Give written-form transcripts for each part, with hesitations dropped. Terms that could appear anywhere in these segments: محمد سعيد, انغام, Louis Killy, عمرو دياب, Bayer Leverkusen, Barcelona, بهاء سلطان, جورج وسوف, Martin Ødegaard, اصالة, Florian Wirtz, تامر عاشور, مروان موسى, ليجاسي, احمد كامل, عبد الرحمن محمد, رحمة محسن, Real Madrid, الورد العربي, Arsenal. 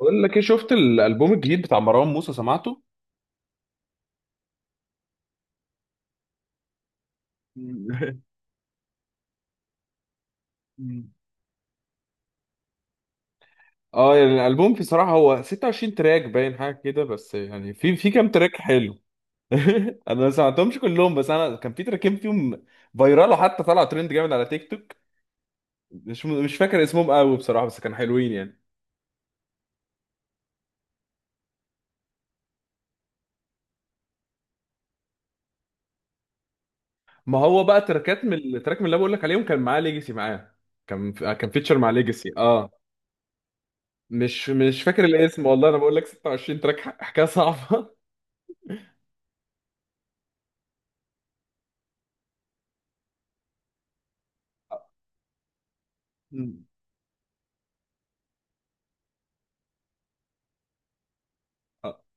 بقول لك ايه؟ شفت الالبوم الجديد بتاع مروان موسى؟ سمعته؟ اه يعني الالبوم بصراحه هو 26 تراك، باين حاجه كده، بس يعني في كام تراك حلو. انا ما سمعتهمش كلهم، بس انا كان في تراكين فيهم فايرال، حتى طلع ترند جامد على تيك توك. مش فاكر اسمهم قوي بصراحه، بس كانوا حلوين يعني. ما هو بقى تراكات من التراك من اللي بقول لك عليهم كان معاه ليجاسي، معاه كان فيتشر مع ليجاسي اه. مش فاكر الاسم والله، انا بقول لك 26 تراك حكايه صعبه.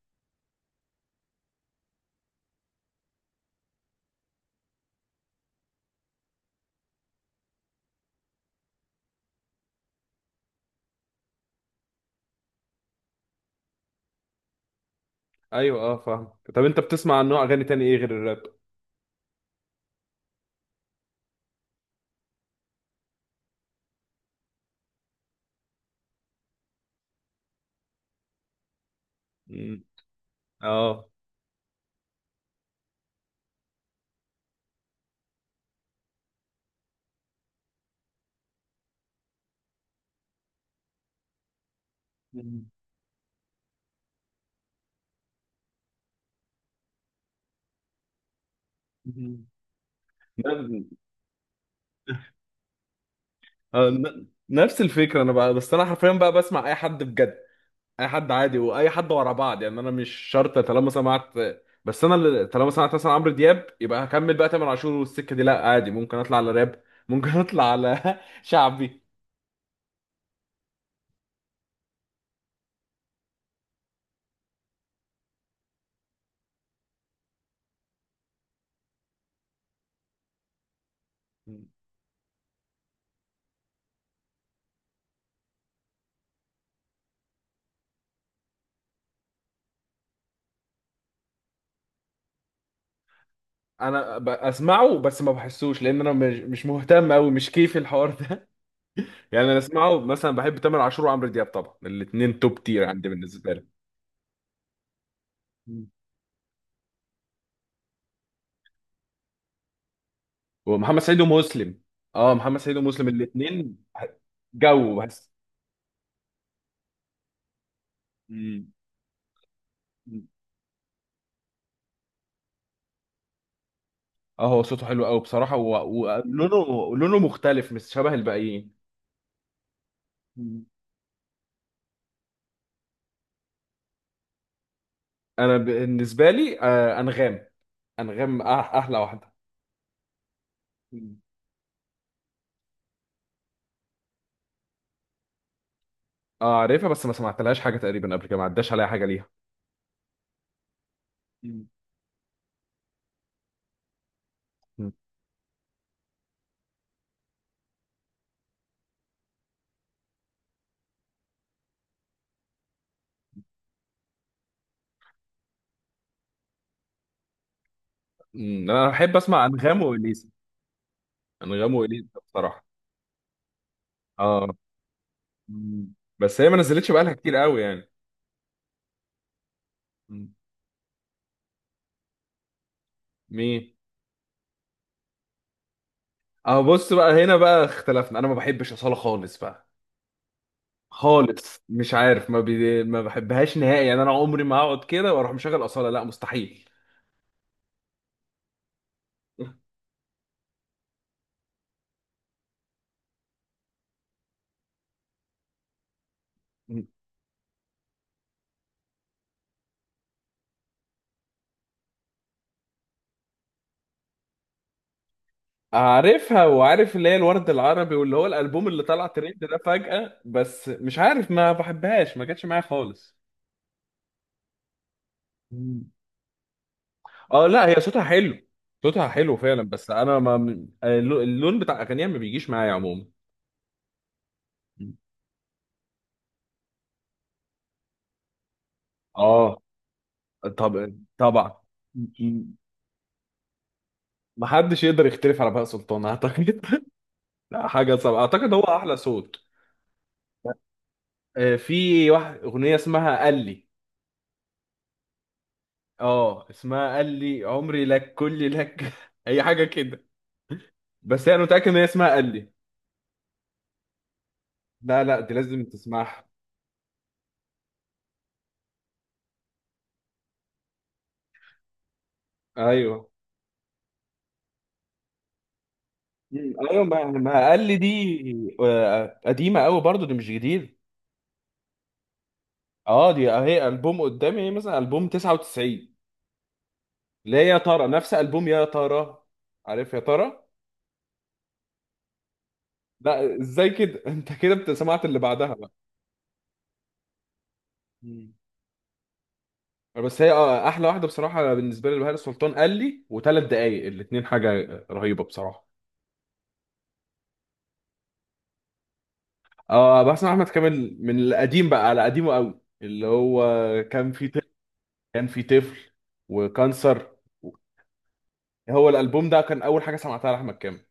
ايوه اه فاهم. طب انت بتسمع عن نوع اغاني تاني ايه غير الراب؟ مم. اه. مم. مم. نف- نفس الفكره انا بقى، بس انا حرفيا بقى بسمع اي حد بجد، اي حد عادي، واي حد ورا بعض، يعني انا مش شرط. طالما سمعت، طالما سمعت مثلا عمرو دياب، يبقى هكمل بقى تامر عاشور والسكه دي، لا عادي ممكن اطلع على راب، ممكن اطلع على شعبي. اسمعه بس ما بحسوش، لان انا مش مهتم قوي، مش كيفي الحوار ده. يعني انا اسمعه مثلا، بحب تامر عاشور وعمرو دياب طبعا، الاثنين توب تير عندي بالنسبه لي. مم. ومحمد سعيد ومسلم. اه محمد سعيد ومسلم الاثنين. جو بس. مم. مم. اه هو صوته حلو قوي بصراحه، ولونه لونه مختلف، مش شبه الباقيين. مم. انا بالنسبه لي انغام. انغام أح- احلى واحده. مم. اه عارفها، بس ما سمعتلهاش حاجه تقريبا قبل كده، ما عداش عليها حاجه ليها. مم. مم. انا بحب اسمع انغام واليسا، انغام واليسا بصراحه. اه. مم. بس هي ما نزلتش بقالها كتير قوي يعني. مم. مين؟ اه بص بقى، هنا بقى اختلفنا، انا ما بحبش اصاله خالص بقى، خالص. مش عارف، ما بحبهاش نهائي يعني، انا عمري ما هقعد كده واروح مشغل اصاله، لا مستحيل. عارفها، وعارف اللي هي الورد العربي واللي هو الالبوم اللي طلع ترند ده فجأة، بس مش عارف ما بحبهاش، ما جاتش معايا خالص. مم. اه لا هي صوتها حلو، صوتها حلو فعلا، بس انا ما اللون بتاع اغانيها ما بيجيش معايا عموما. اه. طب طبعا. محدش يقدر يختلف على بهاء سلطان اعتقد. لا حاجه صعبه، اعتقد هو احلى صوت. آه، في واحد اغنيه اسمها قال لي. اه اسمها قال لي عمري لك كلي لك اي حاجه كده. بس انا متاكد ان هي اسمها قال لي. لا لا، دي لازم تسمعها. ايوه. ايوه ما قال لي دي، آه، قديمه قوي برضو، دي مش جديد. اه دي اهي البوم قدامي، هي مثلا البوم 99، لا يا ترى نفس البوم يا ترى، عارف يا ترى. لا ازاي كده؟ انت كده سمعت اللي بعدها بقى. مم. بس هي آه، احلى واحده بصراحه بالنسبه لي بهاء سلطان، قال لي وثلاث دقايق، الاثنين حاجه رهيبه بصراحه. اه بس احمد كامل من القديم بقى، على قديمه قوي اللي هو، كان في طفل، كان في طفل وكانسر، هو الالبوم ده كان اول حاجه سمعتها لاحمد كامل.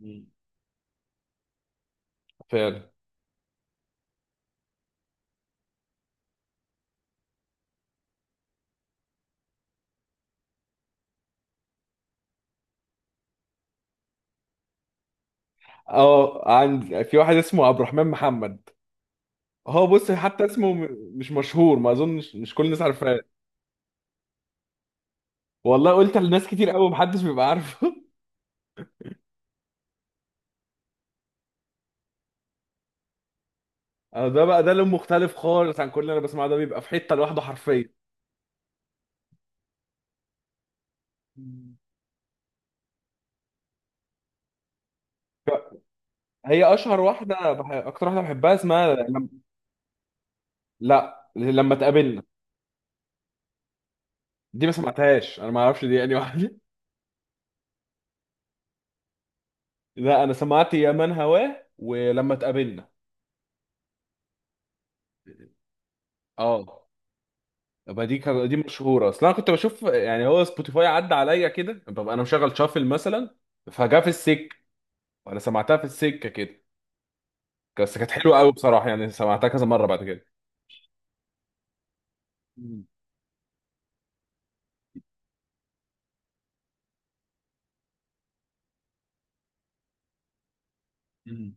مم. فعلا. اه، عند في واحد اسمه عبد الرحمن محمد، هو بص حتى اسمه مش مشهور، ما اظنش مش كل الناس عارفاه. والله قلت لناس كتير قوي، محدش بيبقى عارفه. آه، ده بقى ده لون مختلف خالص عن كل اللي انا بسمعه، ده بيبقى في حته لوحده حرفيا. مم. هي اشهر واحده اكتر واحده بحبها اسمها لم... لا لما تقابلنا. دي ما سمعتهاش انا، ما اعرفش دي يعني واحده. لا انا سمعت يا من هواه ولما تقابلنا. اه. يبقى دي مشهوره، اصل انا كنت بشوف يعني، هو سبوتيفاي عدى عليا كده، ببقى انا مشغل شافل مثلا، فجاه في السك، وانا سمعتها في السكه كده، بس كانت حلوه قوي بصراحه، يعني سمعتها كذا مره بعد كده. مم.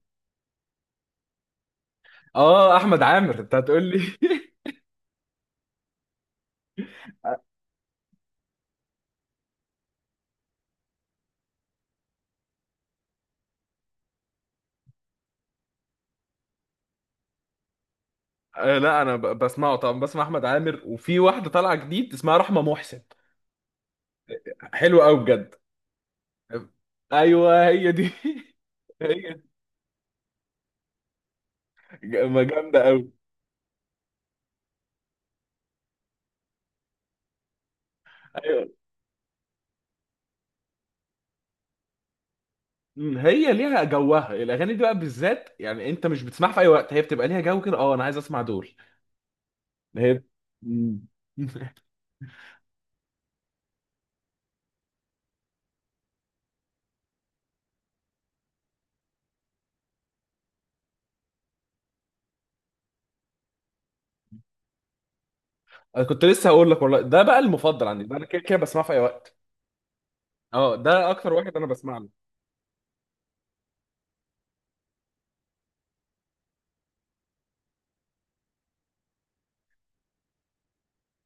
اه احمد عامر انت هتقول لي. آه، لا بسمعه طبعا، بسمع احمد عامر، وفي واحده طالعه جديد اسمها رحمه محسن، حلوه قوي بجد. ايوه هي دي. هي، ما جامده قوي. ايوه. أمم، هي ليها جوها الاغاني دي بقى بالذات، يعني انت مش بتسمعها في اي وقت، هي بتبقى ليها جو كده. اه انا عايز اسمع دول. هي. أمم. انا كنت لسه هقول لك والله، ده بقى المفضل عندي، ده انا كده كده بسمعه في اي وقت. اه ده اكتر واحد انا بسمع له.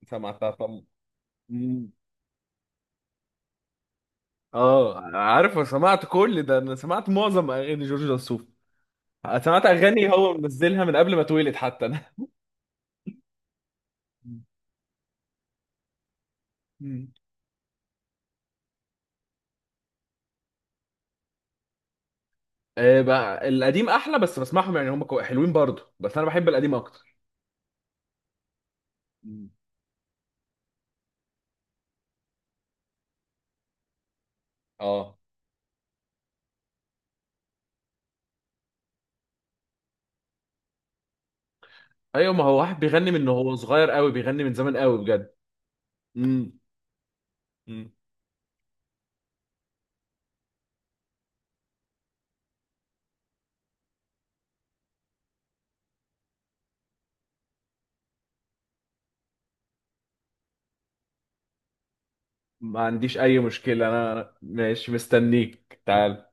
سمعتها. طبعا. اه عارف، انا سمعت كل ده، انا سمعت معظم اغاني جورج وسوف، سمعت اغاني هو منزلها من قبل ما اتولد حتى انا. مم. آه، بقى القديم احلى، بس بسمعهم يعني، هم حلوين برضه، بس انا بحب القديم اكتر. مم. اه ايوه، ما هو واحد بيغني من هو صغير قوي، بيغني من زمان قوي بجد. مم. مم. ما عنديش اي مشكلة انا، ماشي مستنيك تعال.